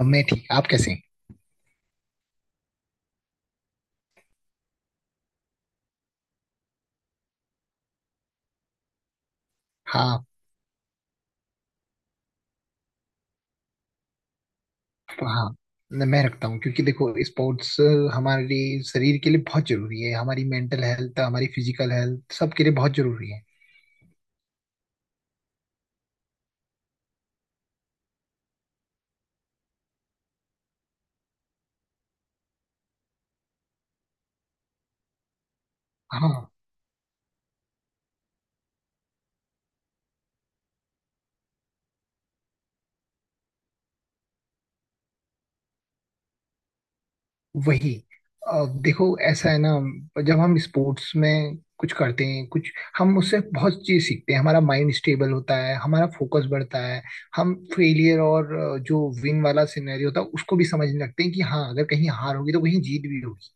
अब मैं ठीक। आप कैसे हैं? हाँ। हाँ। मैं रखता हूँ क्योंकि देखो स्पोर्ट्स हमारे शरीर के लिए बहुत जरूरी है। हमारी मेंटल हेल्थ हमारी फिजिकल हेल्थ सबके लिए बहुत जरूरी है। हाँ। वही। अब देखो, ऐसा है ना। जब हम स्पोर्ट्स में कुछ करते हैं, कुछ हम उससे बहुत चीज सीखते हैं। हमारा माइंड स्टेबल होता है। हमारा फोकस बढ़ता है। हम फेलियर और जो विन वाला सिनेरियो होता है उसको भी समझने लगते हैं कि हाँ, अगर कहीं हार होगी तो कहीं जीत भी होगी।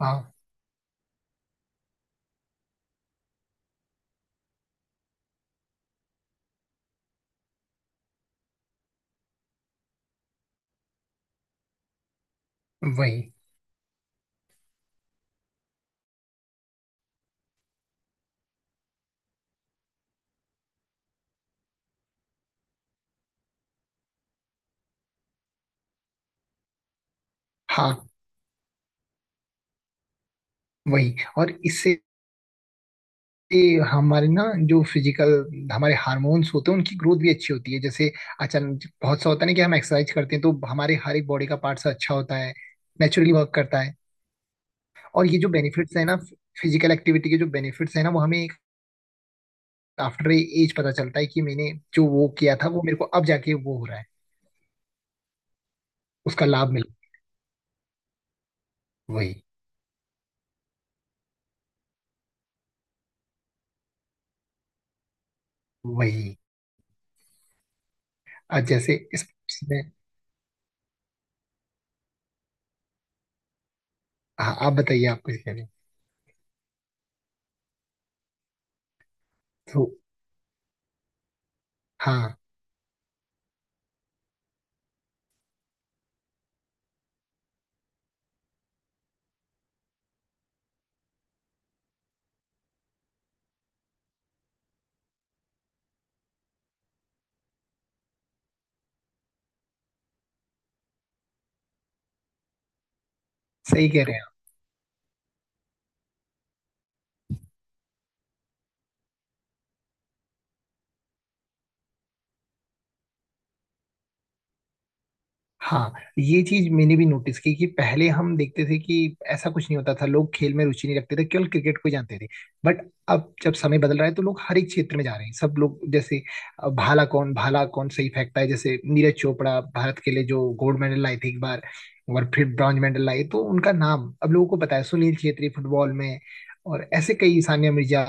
हाँ। वही। हाँ। वही। और इससे हमारे ना, जो फिजिकल हमारे हार्मोन्स होते हैं उनकी ग्रोथ भी अच्छी होती है, जैसे अचानक बहुत सा होता है ना कि हम एक्सरसाइज करते हैं तो हमारे हर एक बॉडी का पार्ट्स अच्छा होता है, नेचुरली वर्क करता है। और ये जो बेनिफिट्स है ना, फिजिकल एक्टिविटी के जो बेनिफिट्स है ना, वो हमें आफ्टर एज पता चलता है कि मैंने जो वो किया था वो मेरे को अब जाके वो हो रहा है। उसका लाभ मिल। वही। वही। आज जैसे इस में। हाँ, आप बताइए, आप कुछ कह रहे हैं? तो हाँ, सही कह रहे हैं। हाँ। ये चीज मैंने भी नोटिस की कि पहले हम देखते थे कि ऐसा कुछ नहीं होता था, लोग खेल में रुचि नहीं रखते थे, केवल क्रिकेट को ही जानते थे। बट अब जब समय बदल रहा है तो लोग हर एक क्षेत्र में जा रहे हैं, सब लोग। जैसे भाला कौन सही फेंकता है, जैसे नीरज चोपड़ा भारत के लिए जो गोल्ड मेडल लाए थे एक बार और फिर ब्रॉन्ज मेडल लाए, तो उनका नाम अब लोगों को पता है। सुनील छेत्री फुटबॉल में। और ऐसे कई, सानिया मिर्जा।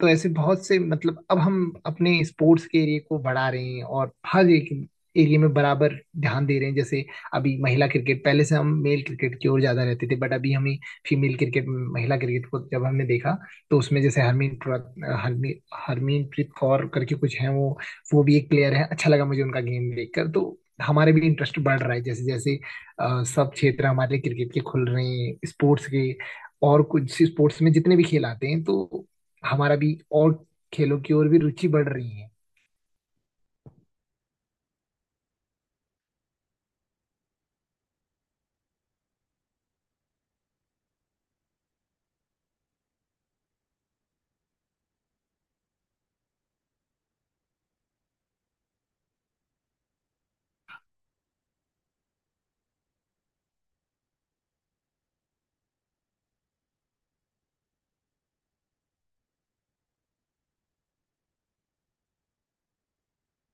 तो ऐसे बहुत से, मतलब अब हम अपने स्पोर्ट्स के एरिया को बढ़ा रहे हैं और हर एक एरिया में बराबर ध्यान दे रहे हैं। जैसे अभी महिला क्रिकेट, पहले से हम मेल क्रिकेट की ओर ज्यादा रहते थे, बट अभी हमें फीमेल क्रिकेट, महिला क्रिकेट को जब हमने देखा तो उसमें जैसे हरमीन हरमीन हरमीनप्रीत कौर करके कुछ है, वो भी एक प्लेयर है। अच्छा लगा मुझे उनका गेम देखकर। तो हमारे भी इंटरेस्ट बढ़ रहा है, जैसे जैसे सब क्षेत्र हमारे क्रिकेट के खुल रहे हैं, स्पोर्ट्स के। और कुछ स्पोर्ट्स में जितने भी खेल आते हैं, तो हमारा भी और खेलों की ओर भी रुचि बढ़ रही है।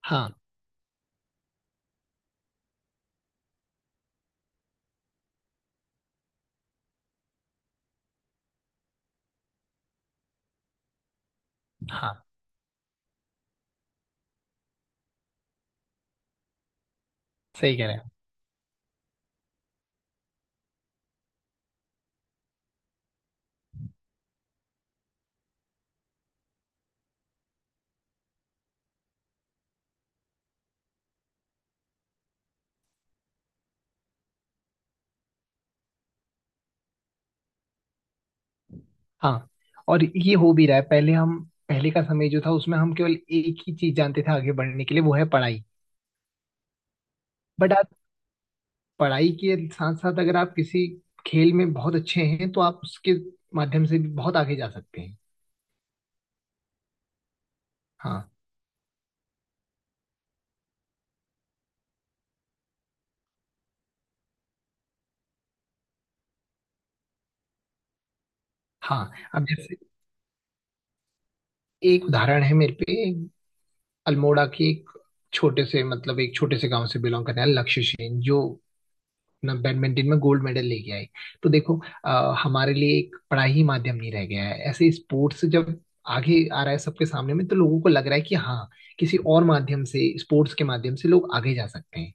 हाँ। हाँ, सही कह रहे हैं। हाँ, और ये हो भी रहा है। पहले का समय जो था, उसमें हम केवल एक ही चीज जानते थे आगे बढ़ने के लिए, वो है पढ़ाई। बट आप पढ़ाई के साथ साथ अगर आप किसी खेल में बहुत अच्छे हैं तो आप उसके माध्यम से भी बहुत आगे जा सकते हैं। हाँ। हाँ, अब जैसे एक उदाहरण है मेरे पे। अल्मोड़ा की एक छोटे से गांव से बिलोंग करने वाले लक्ष्य सेन, जो अपना बैडमिंटन में गोल्ड मेडल लेके आई। तो देखो, हमारे लिए एक पढ़ाई ही माध्यम नहीं रह गया है। ऐसे स्पोर्ट्स जब आगे आ रहा है सबके सामने में, तो लोगों को लग रहा है कि हाँ, किसी और माध्यम से, स्पोर्ट्स के माध्यम से लोग आगे जा सकते हैं।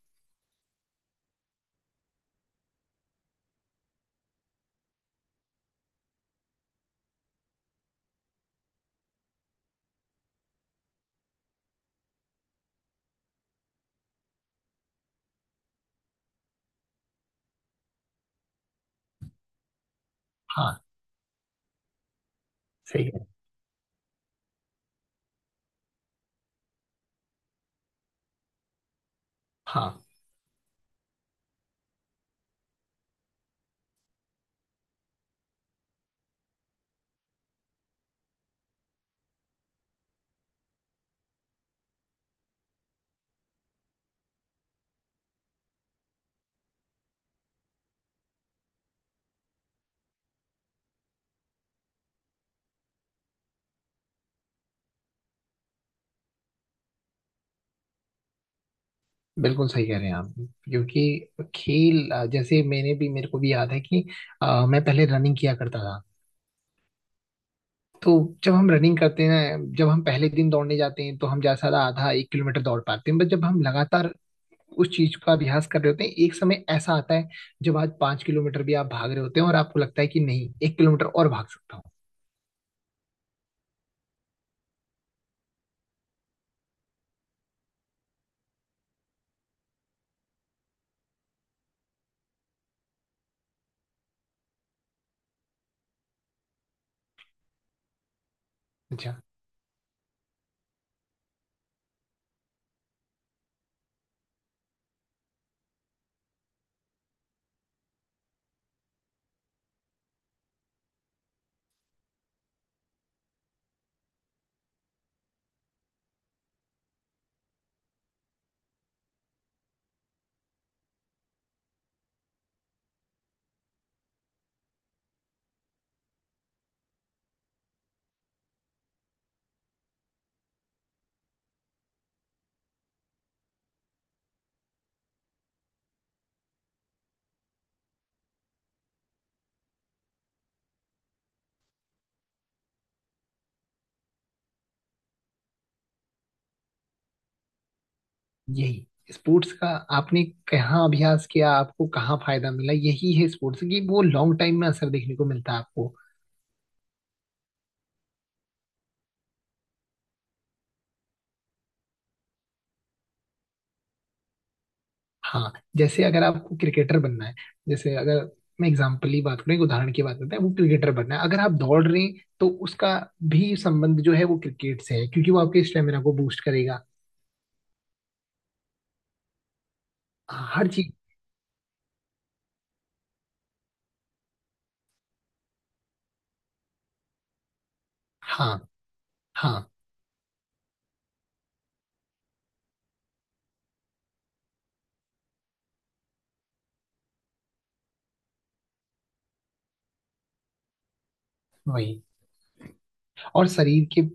हाँ। सही है। हाँ। बिल्कुल सही कह रहे हैं आप, क्योंकि खेल, जैसे मैंने भी, मेरे को भी याद है कि मैं पहले रनिंग किया करता था। तो जब हम रनिंग करते हैं ना, जब हम पहले दिन दौड़ने जाते हैं तो हम ज्यादा आधा 1 किलोमीटर दौड़ पाते हैं, बट जब हम लगातार उस चीज का अभ्यास कर रहे होते हैं, एक समय ऐसा आता है जब आज 5 किलोमीटर भी आप भाग रहे होते हैं और आपको लगता है कि नहीं, 1 किलोमीटर और भाग सकता हूँ। अच्छा। यही स्पोर्ट्स का। आपने कहाँ अभ्यास किया, आपको कहाँ फायदा मिला, यही है स्पोर्ट्स की, वो लॉन्ग टाइम में असर देखने को मिलता है आपको। हाँ, जैसे अगर आपको क्रिकेटर बनना है, जैसे अगर मैं एग्जाम्पल ही बात करूँ, एक उदाहरण की बात करते हैं, वो क्रिकेटर बनना है, अगर आप दौड़ रहे हैं तो उसका भी संबंध जो है वो क्रिकेट से है, क्योंकि वो आपके स्टेमिना को बूस्ट करेगा। हाँ, हर चीज। हाँ। हाँ। वही, और शरीर के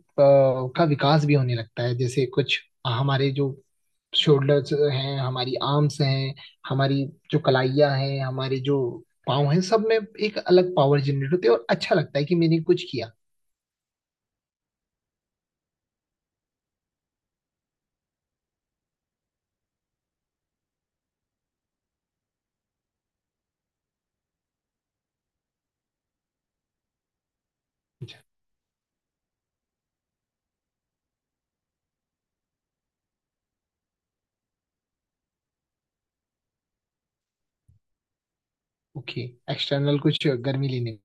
का विकास भी होने लगता है। जैसे कुछ हमारे जो शोल्डर्स हैं, हमारी आर्म्स हैं, हमारी जो कलाइयाँ हैं, हमारी जो पाँव हैं, सब में एक अलग पावर जनरेट होती है और अच्छा लगता है कि मैंने कुछ किया। ओके। एक्सटर्नल कुछ गर्मी लेने।